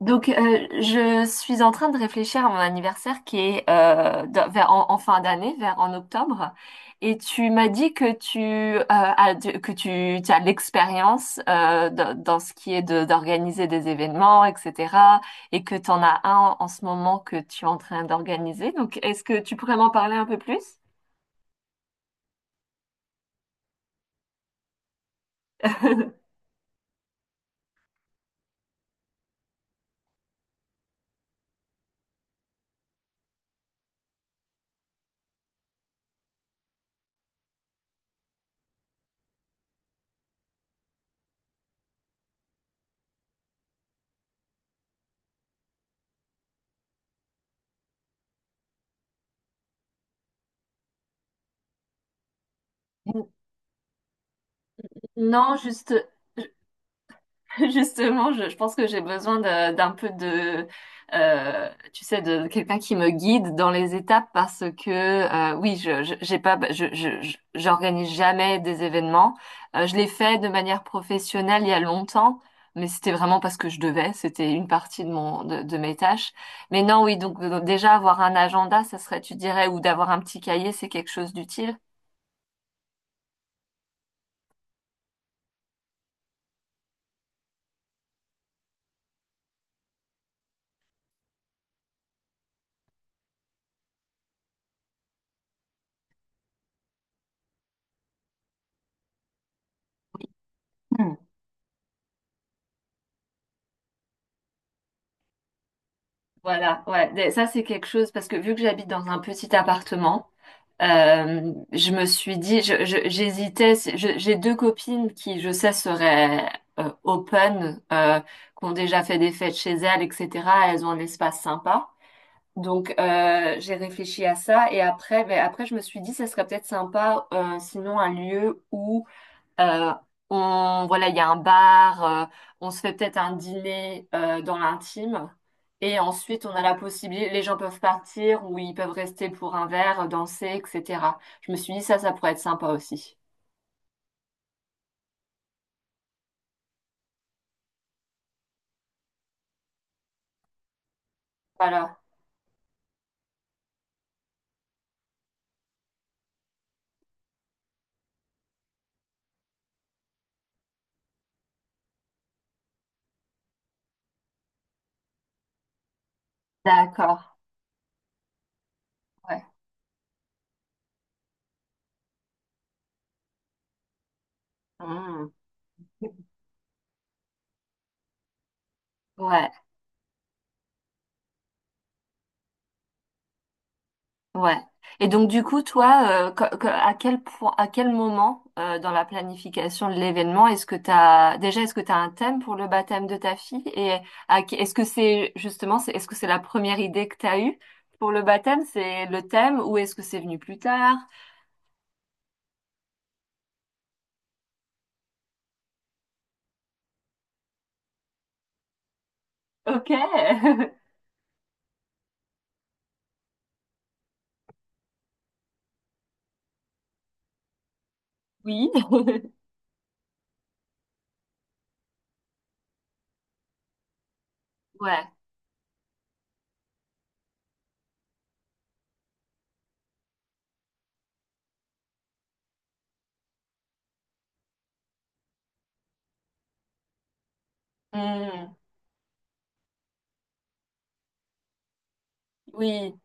Je suis en train de réfléchir à mon anniversaire qui est vers, en fin d'année, vers en octobre. Et tu m'as dit que tu as, que tu as de l'expérience dans ce qui est d'organiser des événements, etc. Et que tu en as un en ce moment que tu es en train d'organiser. Donc, est-ce que tu pourrais m'en parler un peu plus? Non, juste, justement, je pense que j'ai besoin d'un peu de, tu sais, de quelqu'un qui me guide dans les étapes parce que, oui, j'ai pas, j'organise jamais des événements. Je l'ai fait de manière professionnelle il y a longtemps, mais c'était vraiment parce que je devais. C'était une partie de de mes tâches. Mais non, oui, donc déjà avoir un agenda, ça serait, tu dirais, ou d'avoir un petit cahier, c'est quelque chose d'utile. Voilà, ouais, des- ça c'est quelque chose parce que vu que j'habite dans un petit appartement, je me suis dit, j'hésitais, j'ai deux copines qui, je sais, seraient open, qui ont déjà fait des fêtes chez elles, etc. Elles ont un espace sympa. Donc j'ai réfléchi à ça et après, ben, après je me suis dit, ça serait peut-être sympa, sinon un lieu où euh, on, voilà, il y a un bar, on se fait peut-être un dîner dans l'intime. Et ensuite, on a la possibilité, les gens peuvent partir ou ils peuvent rester pour un verre, danser, etc. Je me suis dit, ça pourrait être sympa aussi. Voilà. D'accord. Ouais. Mmh. Ouais. Ouais. Et donc du coup, toi, à quel point, à quel moment dans la planification de l'événement, est-ce que t'as un thème pour le baptême de ta fille? Et est-ce que c'est justement, est-ce que c'est la première idée que t'as eue pour le baptême, c'est le thème, ou est-ce que c'est venu plus tard? Ok. Oui. Ouais. Hmm. Oui.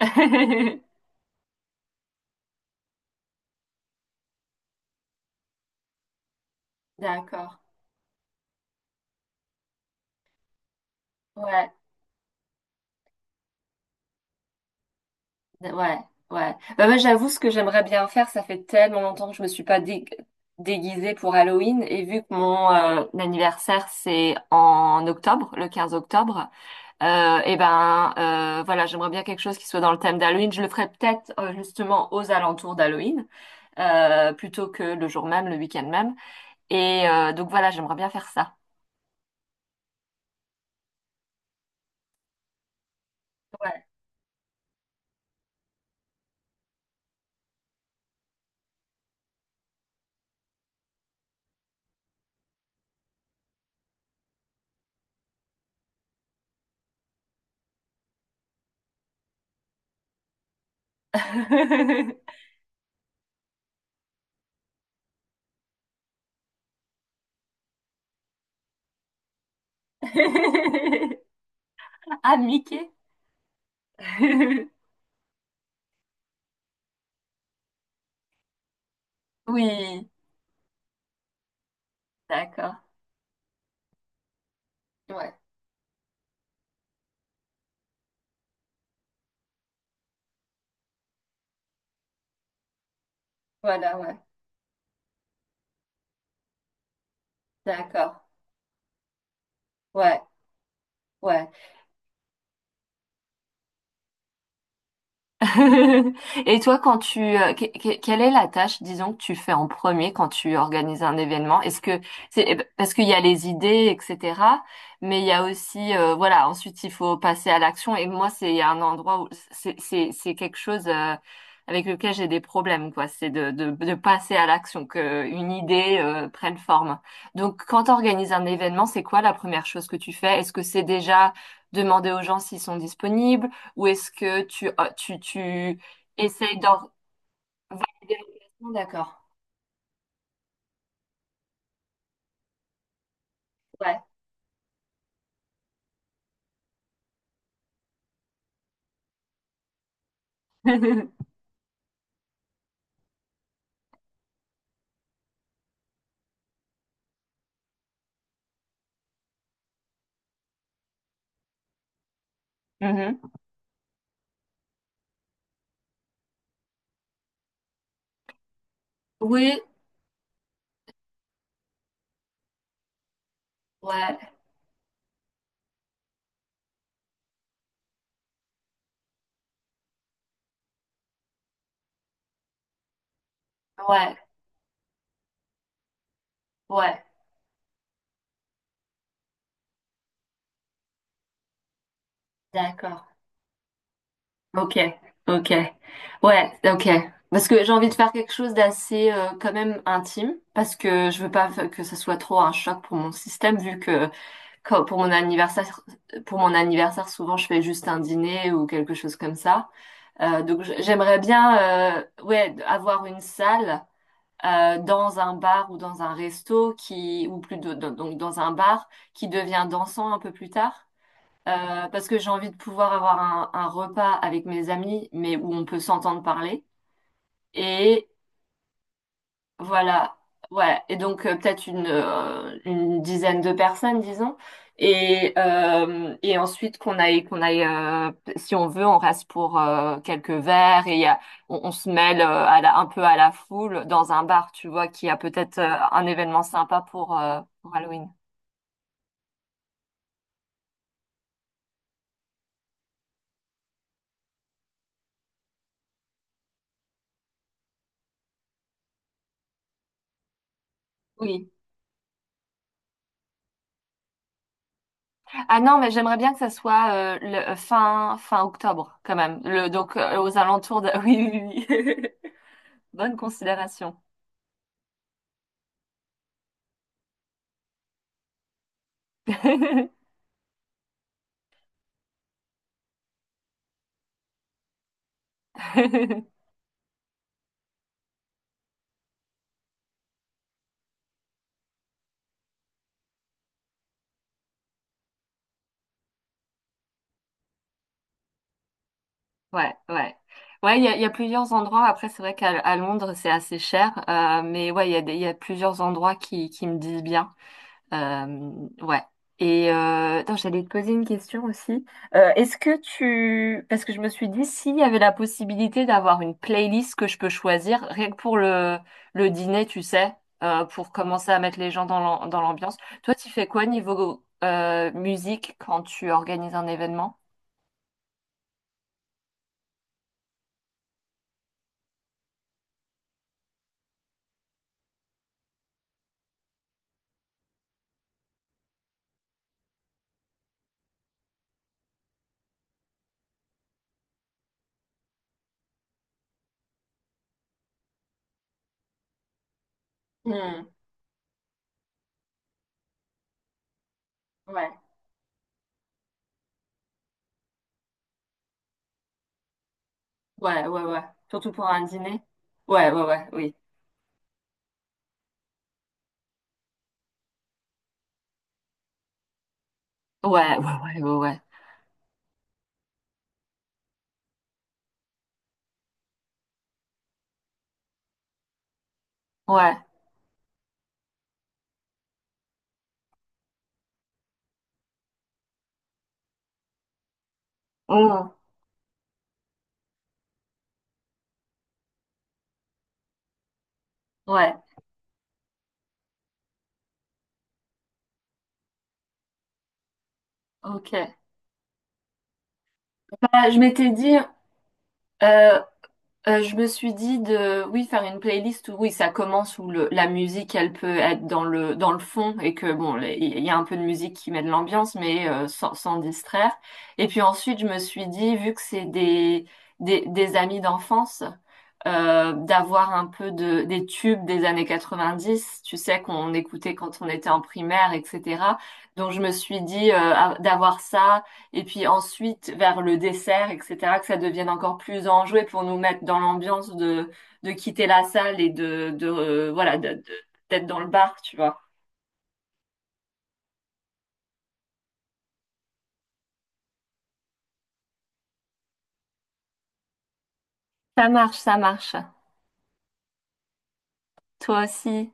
D'accord. Ouais. Ouais, ouais. Bah, moi, j'avoue, ce que j'aimerais bien faire, ça fait tellement longtemps que je me suis pas déguisée pour Halloween. Et vu que mon anniversaire, c'est en octobre, le 15 octobre, et ben, voilà, j'aimerais bien quelque chose qui soit dans le thème d'Halloween. Je le ferais peut-être justement aux alentours d'Halloween, plutôt que le jour même, le week-end même. Et donc voilà, j'aimerais bien faire ça. Ouais. Ah, Mickey? Oui, d'accord. Ouais. Voilà, ouais. D'accord. Ouais, ouais. Et toi, quand tu, quelle est la tâche, disons, que tu fais en premier quand tu organises un événement? Est-ce que c'est eh ben, parce qu'il y a les idées, etc. Mais il y a aussi, voilà, ensuite il faut passer à l'action. Et moi, c'est un endroit où c'est quelque chose avec lequel j'ai des problèmes, quoi. C'est de passer à l'action, que une idée prenne forme. Donc, quand tu organises un événement, c'est quoi la première chose que tu fais? Est-ce que c'est déjà demander aux gens s'ils sont disponibles? Ou est-ce que tu essayes d'en valider l'organisation? D'accord. Ouais. Mhm. Oui, ouais, ouais, ouais. D'accord. Ok, ok. Ouais, ok. Parce que j'ai envie de faire quelque chose d'assez quand même intime, parce que je veux pas que ce soit trop un choc pour mon système, vu que quand- pour mon anniversaire, pour mon anniversaire, souvent je fais juste un dîner ou quelque chose comme ça. Donc j'aimerais bien, ouais, avoir une salle. Dans un bar ou dans un resto qui ou donc dans un bar qui devient dansant un peu plus tard parce que j'ai envie de pouvoir avoir un repas avec mes amis mais où on peut s'entendre parler et voilà, ouais, et donc peut-être une dizaine de personnes, disons, et ensuite qu'on aille, si on veut, on reste pour quelques verres et on se mêle un peu à la foule dans un bar, tu vois, qui a peut-être un événement sympa pour Halloween. Oui. Ah non, mais j'aimerais bien que ça soit fin, fin octobre, quand même, le, donc aux alentours de... Oui, oui, oui. Bonne considération. Ouais, ouais. Ouais, il y a plusieurs endroits. Après, c'est vrai qu'à Londres, c'est assez cher. Mais ouais, il y a plusieurs endroits qui me disent bien. Euh, ouais. Et attends, j'allais te poser une question aussi. Est-ce que tu... Parce que je me suis dit, s'il y avait la possibilité d'avoir une playlist que je peux choisir, rien que pour le dîner, tu sais, pour commencer à mettre les gens dans dans l'ambiance. Toi, tu fais quoi niveau musique quand tu organises un événement? Hmm, ouais. Ouais, ouais, ouais. Surtout pour un dîner. Ouais, ouais, ouais, oui. Ouais, ouais, ouais, ouais, ouais. Ouais. Oh. Ouais, ok. Bah, je m'étais dit, euh, je me suis dit de, oui, faire une playlist où, oui, ça commence où la musique, elle peut être dans dans le fond et que, bon, il y a un peu de musique qui met de l'ambiance, mais sans distraire. Et puis ensuite, je me suis dit, vu que c'est des amis d'enfance, d'avoir un peu de, des tubes des années 90 tu sais, qu'on écoutait quand on était en primaire, etc. Donc, je me suis dit, d'avoir ça et puis ensuite, vers le dessert, etc., que ça devienne encore plus enjoué pour nous mettre dans l'ambiance de quitter la salle et de, voilà, de- d'être dans le bar, tu vois. Ça marche, ça marche. Toi aussi.